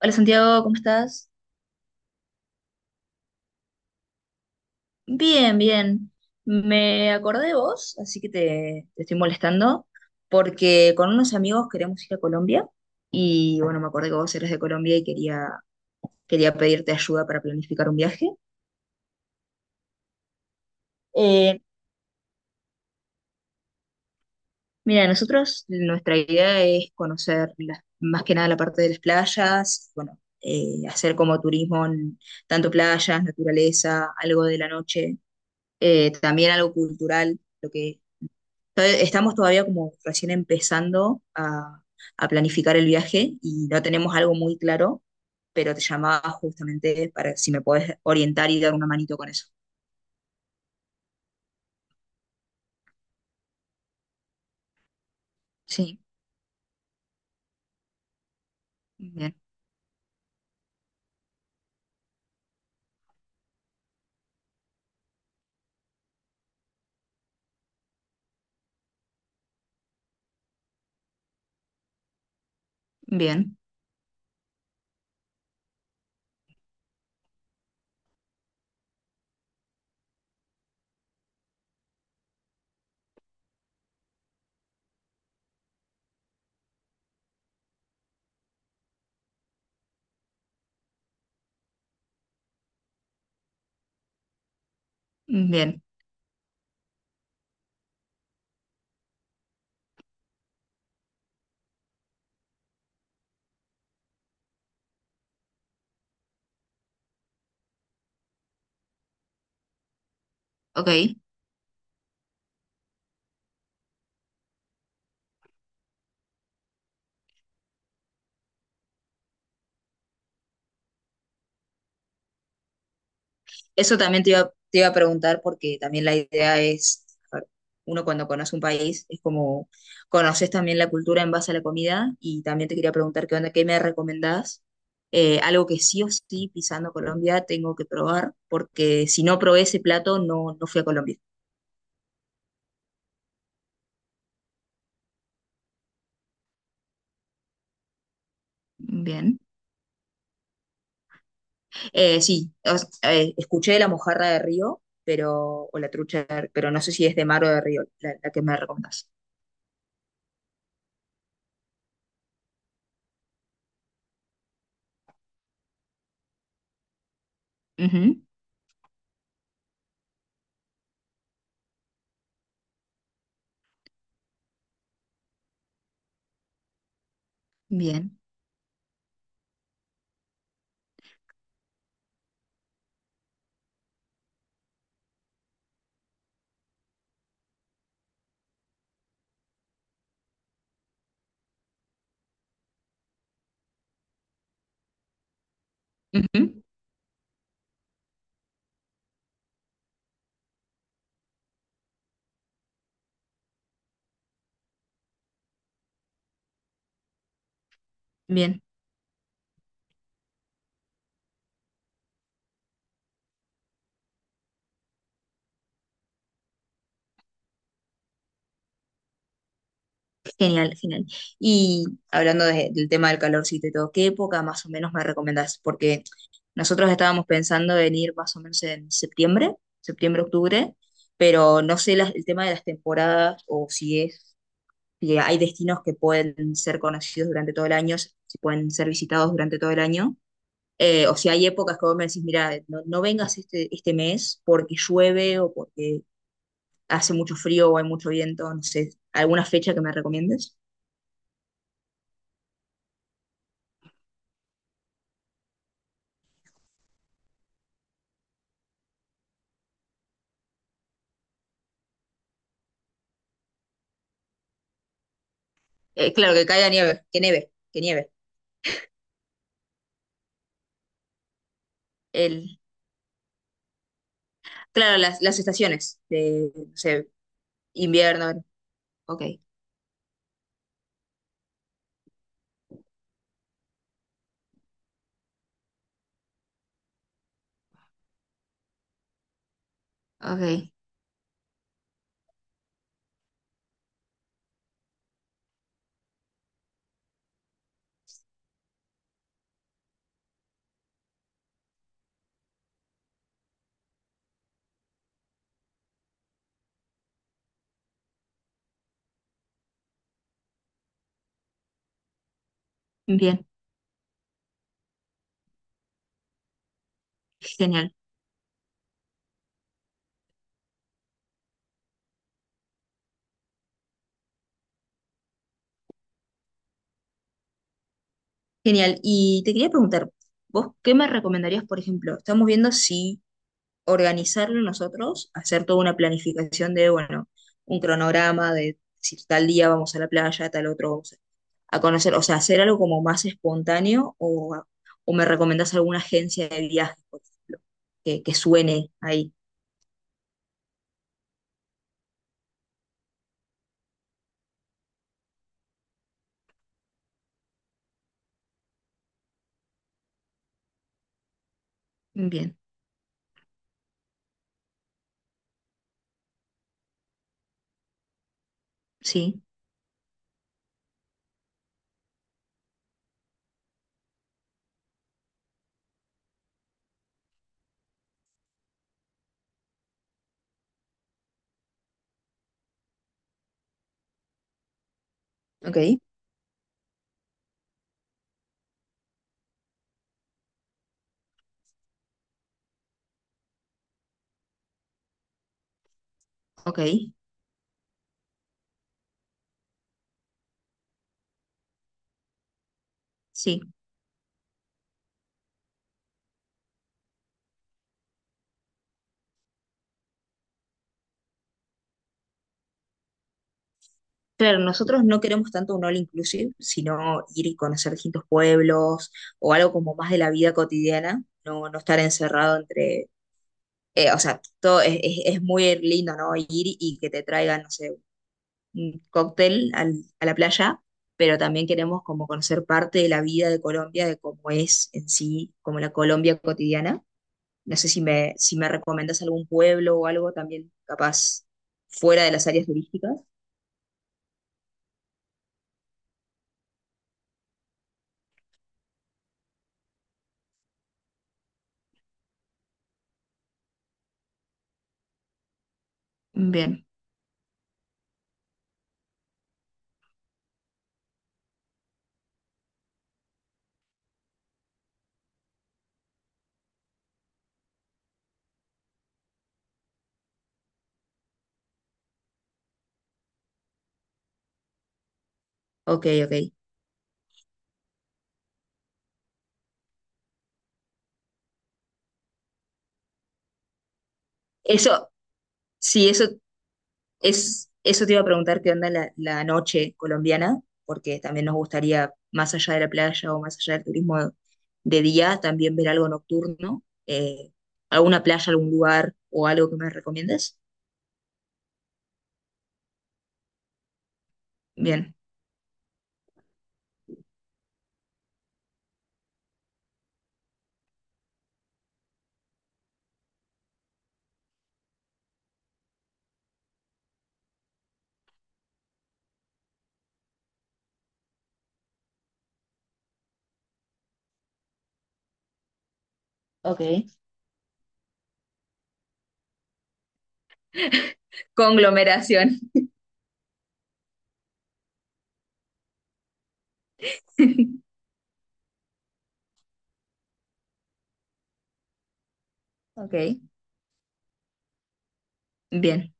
Hola Santiago, ¿cómo estás? Bien, bien. Me acordé de vos, así que te estoy molestando, porque con unos amigos queremos ir a Colombia y bueno, me acordé que vos eres de Colombia y quería pedirte ayuda para planificar un viaje. Eh, mira, nosotros nuestra idea es conocer más que nada la parte de las playas, bueno, hacer como turismo en tanto playas, naturaleza, algo de la noche, también algo cultural. Estamos todavía como recién empezando a planificar el viaje y no tenemos algo muy claro, pero te llamaba justamente para si me puedes orientar y dar una manito con eso. Sí, bien, bien, bien. Ok. Eso también te iba a preguntar porque también la idea es, a ver, uno cuando conoce un país es como conoces también la cultura en base a la comida y también te quería preguntar qué onda, qué me recomendás. Algo que sí o sí pisando Colombia tengo que probar porque si no probé ese plato no fui a Colombia. Bien. Sí, escuché de la mojarra de río, pero, o la trucha, pero no sé si es de mar o de río, la que me recomendás. Ujú. Bien. Ujú. Bien. Genial, genial. Y hablando del tema del calorcito y todo, ¿qué época más o menos me recomendás? Porque nosotros estábamos pensando en ir más o menos en septiembre, septiembre, octubre, pero no sé el tema de las temporadas o si es, si hay destinos que pueden ser conocidos durante todo el año, si pueden ser visitados durante todo el año, o si hay épocas que vos me decís, mira, no, no vengas este mes porque llueve o porque hace mucho frío o hay mucho viento, no sé, ¿alguna fecha que me recomiendes? Claro, que caiga nieve, que nieve, que nieve. El, claro, las estaciones de, no sé, invierno. Ok, ok, bien, genial, genial. Y te quería preguntar, ¿vos qué me recomendarías, por ejemplo? Estamos viendo si organizarlo nosotros, hacer toda una planificación de, bueno, un cronograma de si tal día vamos a la playa, tal otro vamos a conocer, o sea, hacer algo como más espontáneo o me recomendás alguna agencia de viajes, por ejemplo, que suene ahí. Bien. Sí, ¿ok? Ok, sí. Claro, nosotros no queremos tanto un all inclusive, sino ir y conocer distintos pueblos o algo como más de la vida cotidiana, no, no estar encerrado entre, o sea, todo es muy lindo, ¿no? Ir y que te traigan, no sé, un cóctel a la playa, pero también queremos como conocer parte de la vida de Colombia, de cómo es en sí, como la Colombia cotidiana. No sé si si me recomendas algún pueblo o algo también capaz fuera de las áreas turísticas. Bien, ok, ok. Eso, sí, eso es, eso te iba a preguntar qué onda la noche colombiana, porque también nos gustaría, más allá de la playa o más allá del turismo de día, también ver algo nocturno, alguna playa, algún lugar o algo que me recomiendes. Bien. Ok. Conglomeración. Ok. Bien,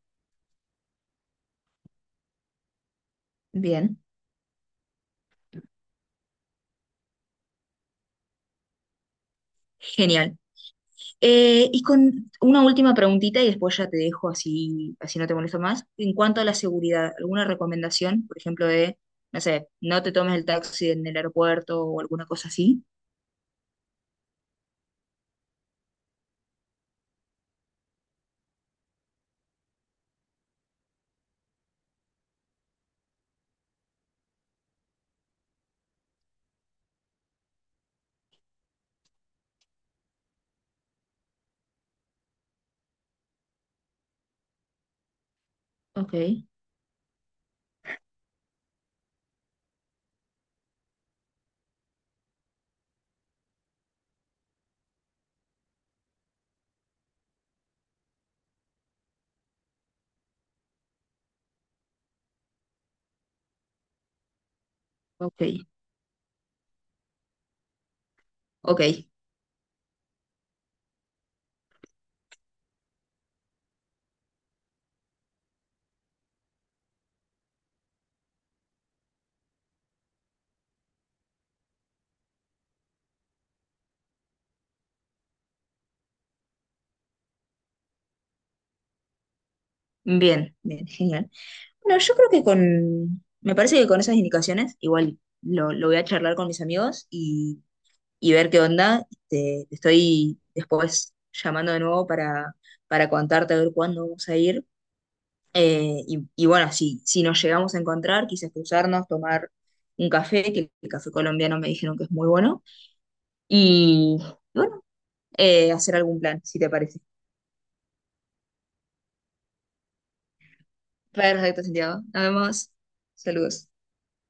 bien. Genial. Y con una última preguntita y después ya te dejo así, así no te molesto más. En cuanto a la seguridad, ¿alguna recomendación? Por ejemplo, de, no sé, no te tomes el taxi en el aeropuerto o alguna cosa así. Ok, ok, ok. Bien, bien, genial. Bueno, yo creo que con, me parece que con esas indicaciones, igual lo voy a charlar con mis amigos y ver qué onda. Te estoy después llamando de nuevo para contarte a ver cuándo vamos a ir. Y bueno, si, si nos llegamos a encontrar, quizás cruzarnos, tomar un café, que el café colombiano me dijeron que es muy bueno, y bueno, hacer algún plan, si te parece. Perfecto, Santiago. Nos vemos. Saludos.